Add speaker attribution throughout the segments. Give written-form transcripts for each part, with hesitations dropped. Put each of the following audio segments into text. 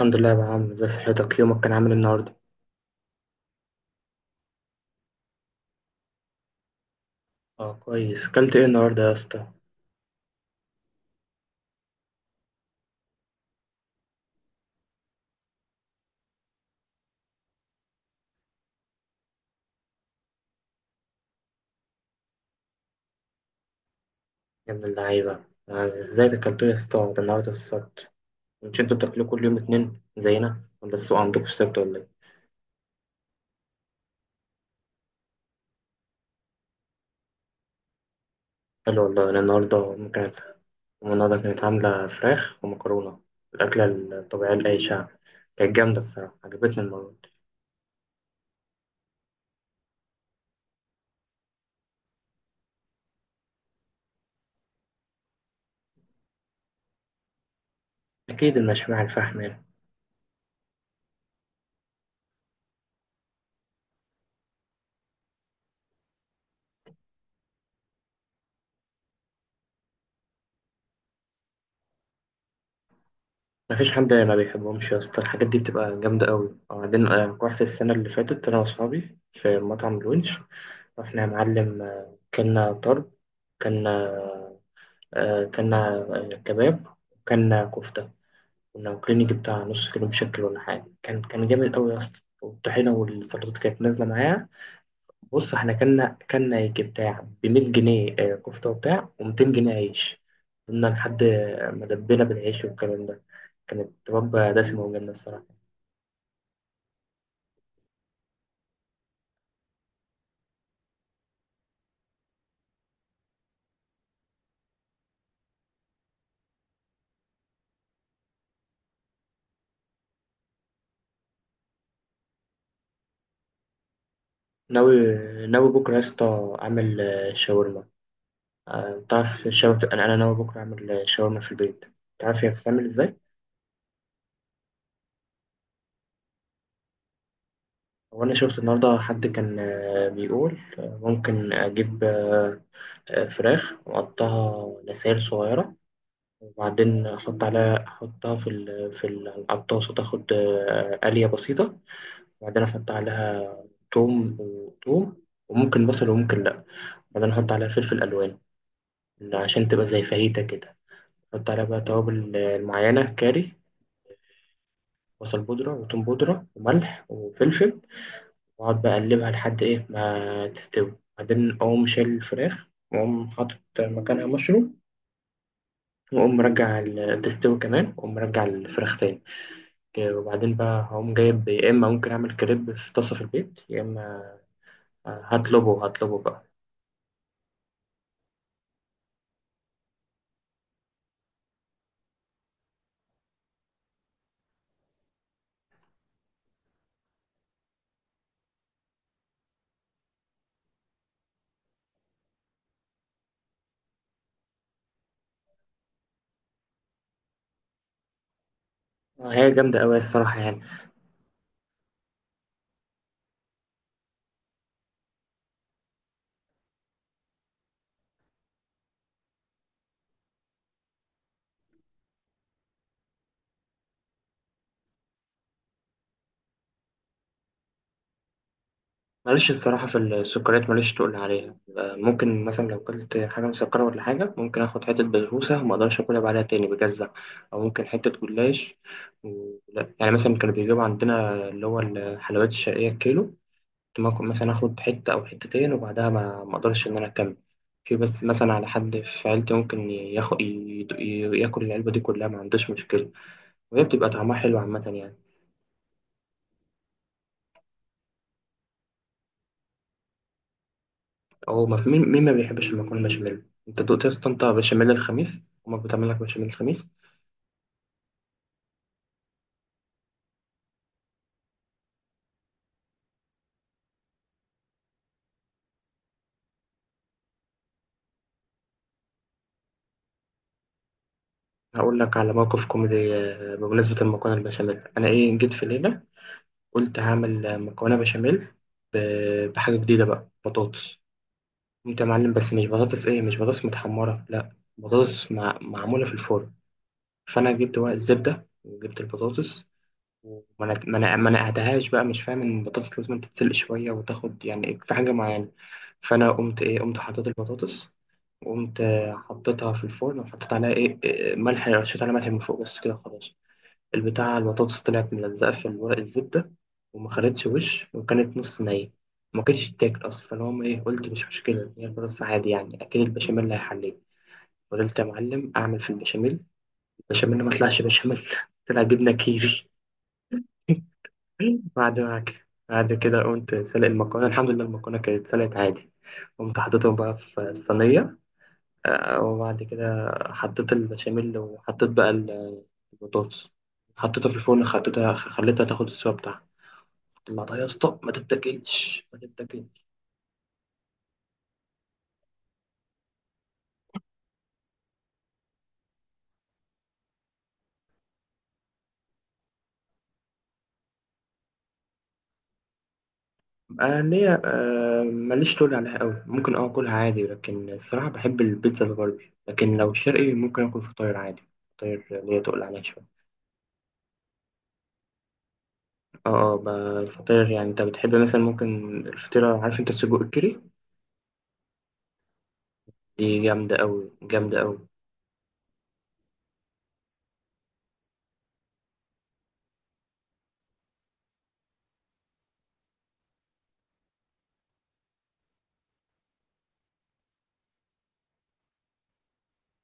Speaker 1: الحمد لله يا أبو عمرو، ازي صحتك؟ يومك كان عامل إيه النهارده؟ اه، كويس. اكلت ايه النهارده يا اسطى؟ يا ابن اللعيبه. ازاي اكلتوا يا اسطى؟ ده النهارده السبت. مش انتوا بتاكلوا كل يوم اتنين زينا، ولا السوق عندكم السبت، ولا ايه؟ حلو والله. انا النهارده أمي كانت. أمي النهارده كانت عامله فراخ ومكرونه، الاكله الطبيعيه لاي شعب. كانت جامده الصراحه، عجبتني المره دي. اكيد المشوي على الفحم يعني. مفيش حد ما بيحبهمش يا اسطى، الحاجات دي بتبقى جامده قوي. وبعدين رحت السنه اللي فاتت انا واصحابي في مطعم الونش. رحنا يا معلم، كلنا طرب. كلنا كلنا كباب، وكلنا كفتة. كنا واكلين يجي بتاع نص كيلو مشكل ولا حاجة. كان جامد أوي يا اسطى، والطحينة والسلطات كانت نازلة معايا. بص، احنا كلنا يجي بتاع ب100 جنيه كفتة وبتاع، و200 جنيه عيش. كنا لحد ما دبينا بالعيش والكلام ده. كانت وجبة دسمة وجامدة الصراحة. ناوي ناوي بكرة يا اسطى أعمل شاورما. تعرف الشاورما، أنا ناوي بكرة أعمل شاورما في البيت. تعرف هي بتتعمل إزاي؟ هو أنا شفت النهاردة حد كان بيقول ممكن أجيب فراخ وأقطعها لسائل صغيرة. وبعدين أحط عليها، أحطها على الطاسة، تاخد قلية بسيطة. وبعدين أحط عليها توم وتوم، وممكن بصل وممكن لأ. بعدين أحط عليها فلفل ألوان، عشان تبقى زي فاهيتا كده. أحط عليها بقى توابل معينة، كاري، بصل بودرة وتوم بودرة وملح وفلفل. وأقعد بقى أقلبها لحد إيه ما تستوي. بعدين أقوم شايل الفراخ، وأقوم حاطط مكانها مشروم، وأقوم مرجع تستوي كمان، وأقوم مرجع الفراخ تاني. وبعدين بقى هقوم جايب، يا إما ممكن أعمل كريب في طاسة في البيت، يا إما هطلبه بقى. هي جامدة أوي الصراحة يعني. ماليش الصراحة في السكريات، ماليش تقول عليها. ممكن مثلا لو أكلت حاجة مسكرة ولا حاجة، ممكن آخد حتة بسبوسة وما أقدرش أكلها بعدها تاني، بجزع. أو ممكن حتة جلاش. لا يعني مثلا، كانوا بيجيبوا عندنا اللي هو الحلويات الشرقية الكيلو، كنت ممكن مثلا آخد حتة أو حتتين، وبعدها ما أقدرش إن أنا أكمل. في بس مثلا على حد في عيلتي ممكن ياخد ياكل العلبة دي كلها، ما عندوش مشكلة. وهي بتبقى طعمها حلو عامة يعني. هو ما في مين مين ما بيحبش المكرونة بشاميل. انت دقت يا اسطى، انت بشاميل الخميس؟ امك بتعمل لك بشاميل الخميس؟ هقول لك على موقف كوميدي بمناسبة المكرونة البشاميل. انا ايه، جيت في ليلة، قلت هعمل مكرونة بشاميل بحاجة جديدة بقى، بطاطس. قمت يا معلم، بس مش بطاطس ايه، مش بطاطس متحمرة لا، بطاطس معمولة في الفرن. فانا جبت ورق الزبدة وجبت البطاطس، وما ما نقعتهاش بقى، مش فاهم ان البطاطس لازم تتسلق شوية وتاخد يعني في حاجة معينة. فانا قمت ايه، قمت حطيت البطاطس، قمت حطيتها في الفرن وحطيت عليها ايه ملح، رشيت عليها ملح من فوق بس كده خلاص. البتاع البطاطس طلعت ملزقة في ورق الزبدة، وما خدتش وش، وكانت نص نية، ما كانتش تاكل اصلا. فاللي هم ايه، قلت مش مشكلة، هي البطاطس عادي يعني، اكيد البشاميل هيحليه. فضلت يا معلم اعمل في البشاميل، البشاميل ما طلعش بشاميل. طلع جبنة كيري. بعد ما كده، بعد كده قمت سلق المكرونة. الحمد لله المكرونة كانت سلقت عادي. قمت حطيتهم بقى في الصينية. وبعد كده حطيت البشاميل، وحطيت بقى البطاطس، حطيتها في الفرن، خليتها تاخد السوا بتاعها. طلعتها يا اسطى، ما تتاكلش ما تتاكلش. آه ليا، ماليش طول عليها قوي. ممكن اكلها عادي، لكن الصراحه بحب البيتزا الغربي، لكن لو شرقي ممكن اكل فطاير عادي. فطاير ليا تقل عليها شويه. اه، اه. الفطاير يعني، انت بتحب مثلا ممكن الفطيره، عارف انت السجق الكيري؟ دي جامده قوي، جامده قوي.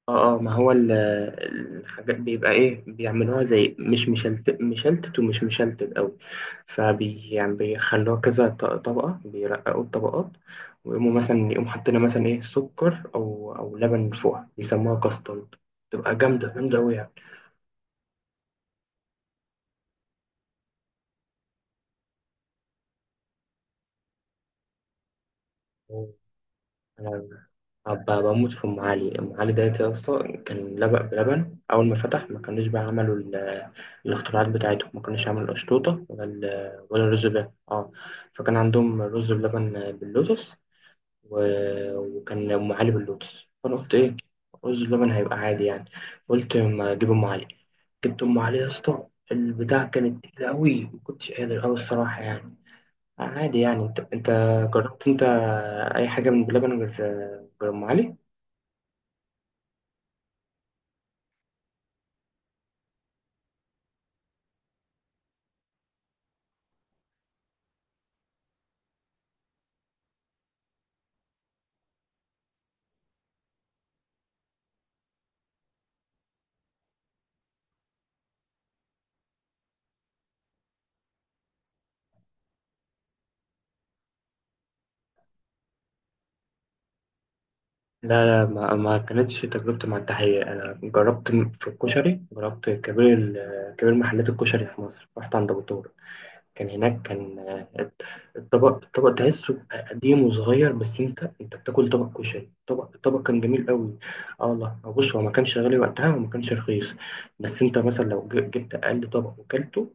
Speaker 1: اه، اه. ما هو الحاجات بيبقى ايه، بيعملوها زي مش مشلتت مشلتت ومش مشلتت قوي. فبي يعني بيخلوها كذا طبقة، بيرققوا الطبقات. ويقوموا مثلا يقوموا حاطين مثلا ايه سكر او لبن فوق، بيسموها كاسترد. تبقى جامدة جامدة قوي يعني. هبقى بموت في أم علي. أم علي ده يا اسطى كان لبق بلبن أول ما فتح، ما كانوش بقى عملوا الاختراعات بتاعتهم. ما كانوش عملوا القشطوطة ولا ولا الرز بلبن، اه. فكان عندهم رز بلبن باللوتس. وكان أم علي باللوتس. فأنا قلت إيه، رز بلبن هيبقى عادي يعني. قلت ما أجيب أم علي. جبت أم علي يا اسطى، البتاع كانت تقيلة أوي، ما كنتش قادر أوي الصراحة يعني. عادي يعني. أنت جربت أنت أي حاجة من بلبن غير، أم علي؟ لا، لا، ما, ما كانتش تجربتي مع التحية. أنا جربت في الكشري، جربت كبير كبير محلات الكشري في مصر، رحت عند أبو طارق. كان هناك، كان الطبق تحسه قديم وصغير. بس أنت بتاكل طبق كشري طبق. الطبق كان جميل قوي. أه والله، بص هو ما كانش غالي وقتها وما كانش رخيص. بس أنت مثلا لو جبت أقل طبق وكلته،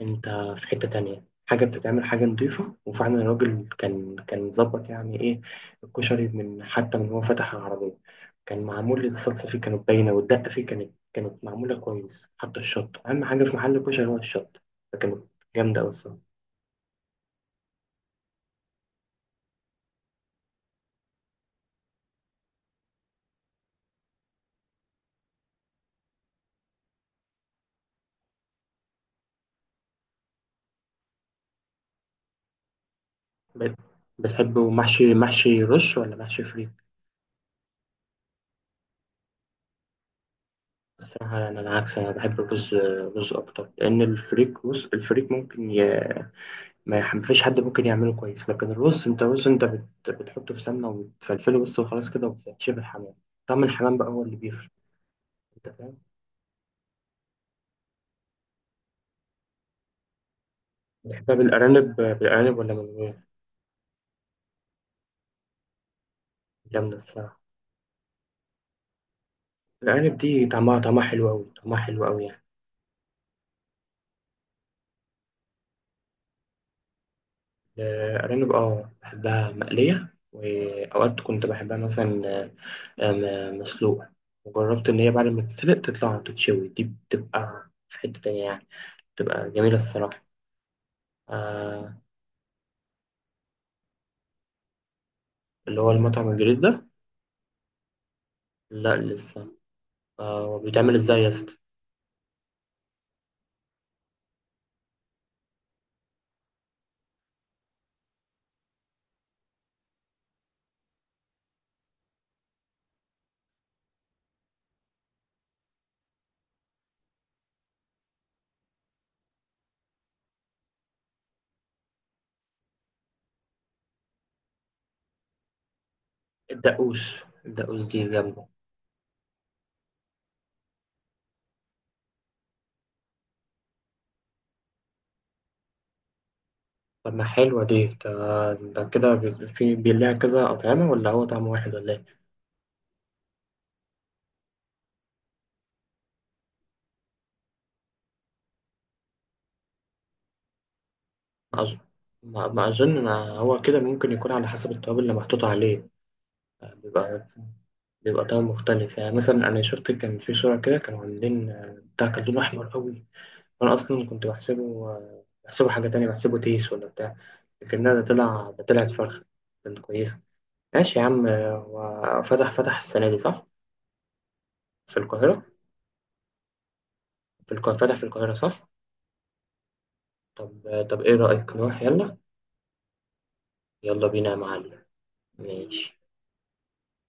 Speaker 1: انت، في حتة تانية، حاجة بتتعمل حاجة نضيفة. وفعلا الراجل كان مظبط يعني ايه. الكشري من حتى من هو فتح العربية، كان معمول، الصلصة فيه كانت باينة، والدقة فيه كانت معمولة كويس. حتى الشط، أهم حاجة في محل الكشري هو الشط، فكانت جامدة أوي الصراحة. بت- بتحبه محشي رش ولا محشي فريك؟ الصراحة أنا العكس، أنا بحب الرز، رز أكتر. لأن الفريك بص، الفريك ممكن ما يح- مفيش حد ممكن يعمله كويس. لكن الرز انت بتحطه في سمنه وتفلفله بس وخلاص كده، وبتشوف الحمام. طعم الحمام بقى هو اللي بيفرق. انت فاهم؟ بتحبها بالارانب ولا من غير؟ جامده الصراحه. الارانب دي طعمها حلو قوي، طعمها حلو قوي يعني. الارانب، اه، بحبها مقليه. واوقات كنت بحبها مثلا مسلوقه. وجربت ان هي بعد ما تتسلق تطلع تتشوي، دي بتبقى في حته تانية يعني. بتبقى جميله الصراحه. آه. اللي هو المطعم الجديد ده؟ لا، لسه. هو بيتعمل ازاي يا اسطى؟ الدقوس. الدقوس دي جامدة. طب ما حلوة دي. ده, ده كده في بيلاقي كذا أطعمة، ولا هو طعم واحد ولا إيه؟ ما أظن. هو كده ممكن يكون على حسب التوابل اللي محطوطة عليه. بيبقى طعم مختلف. يعني مثلا أنا شفت، كان في صورة كده، كانوا عاملين بتاع كان لونه أحمر قوي، وأنا أصلا كنت بحسبه بحسبه حاجة تانية، بحسبه تيس ولا بتاع. لكنها ده طلعت فرخة. كانت كويسة. ماشي يا عم. هو فتح السنة دي صح؟ في القاهرة؟ في القاهرة، فتح في القاهرة صح؟ طب إيه رأيك نروح يلا؟ يلا بينا يا معلم. ماشي.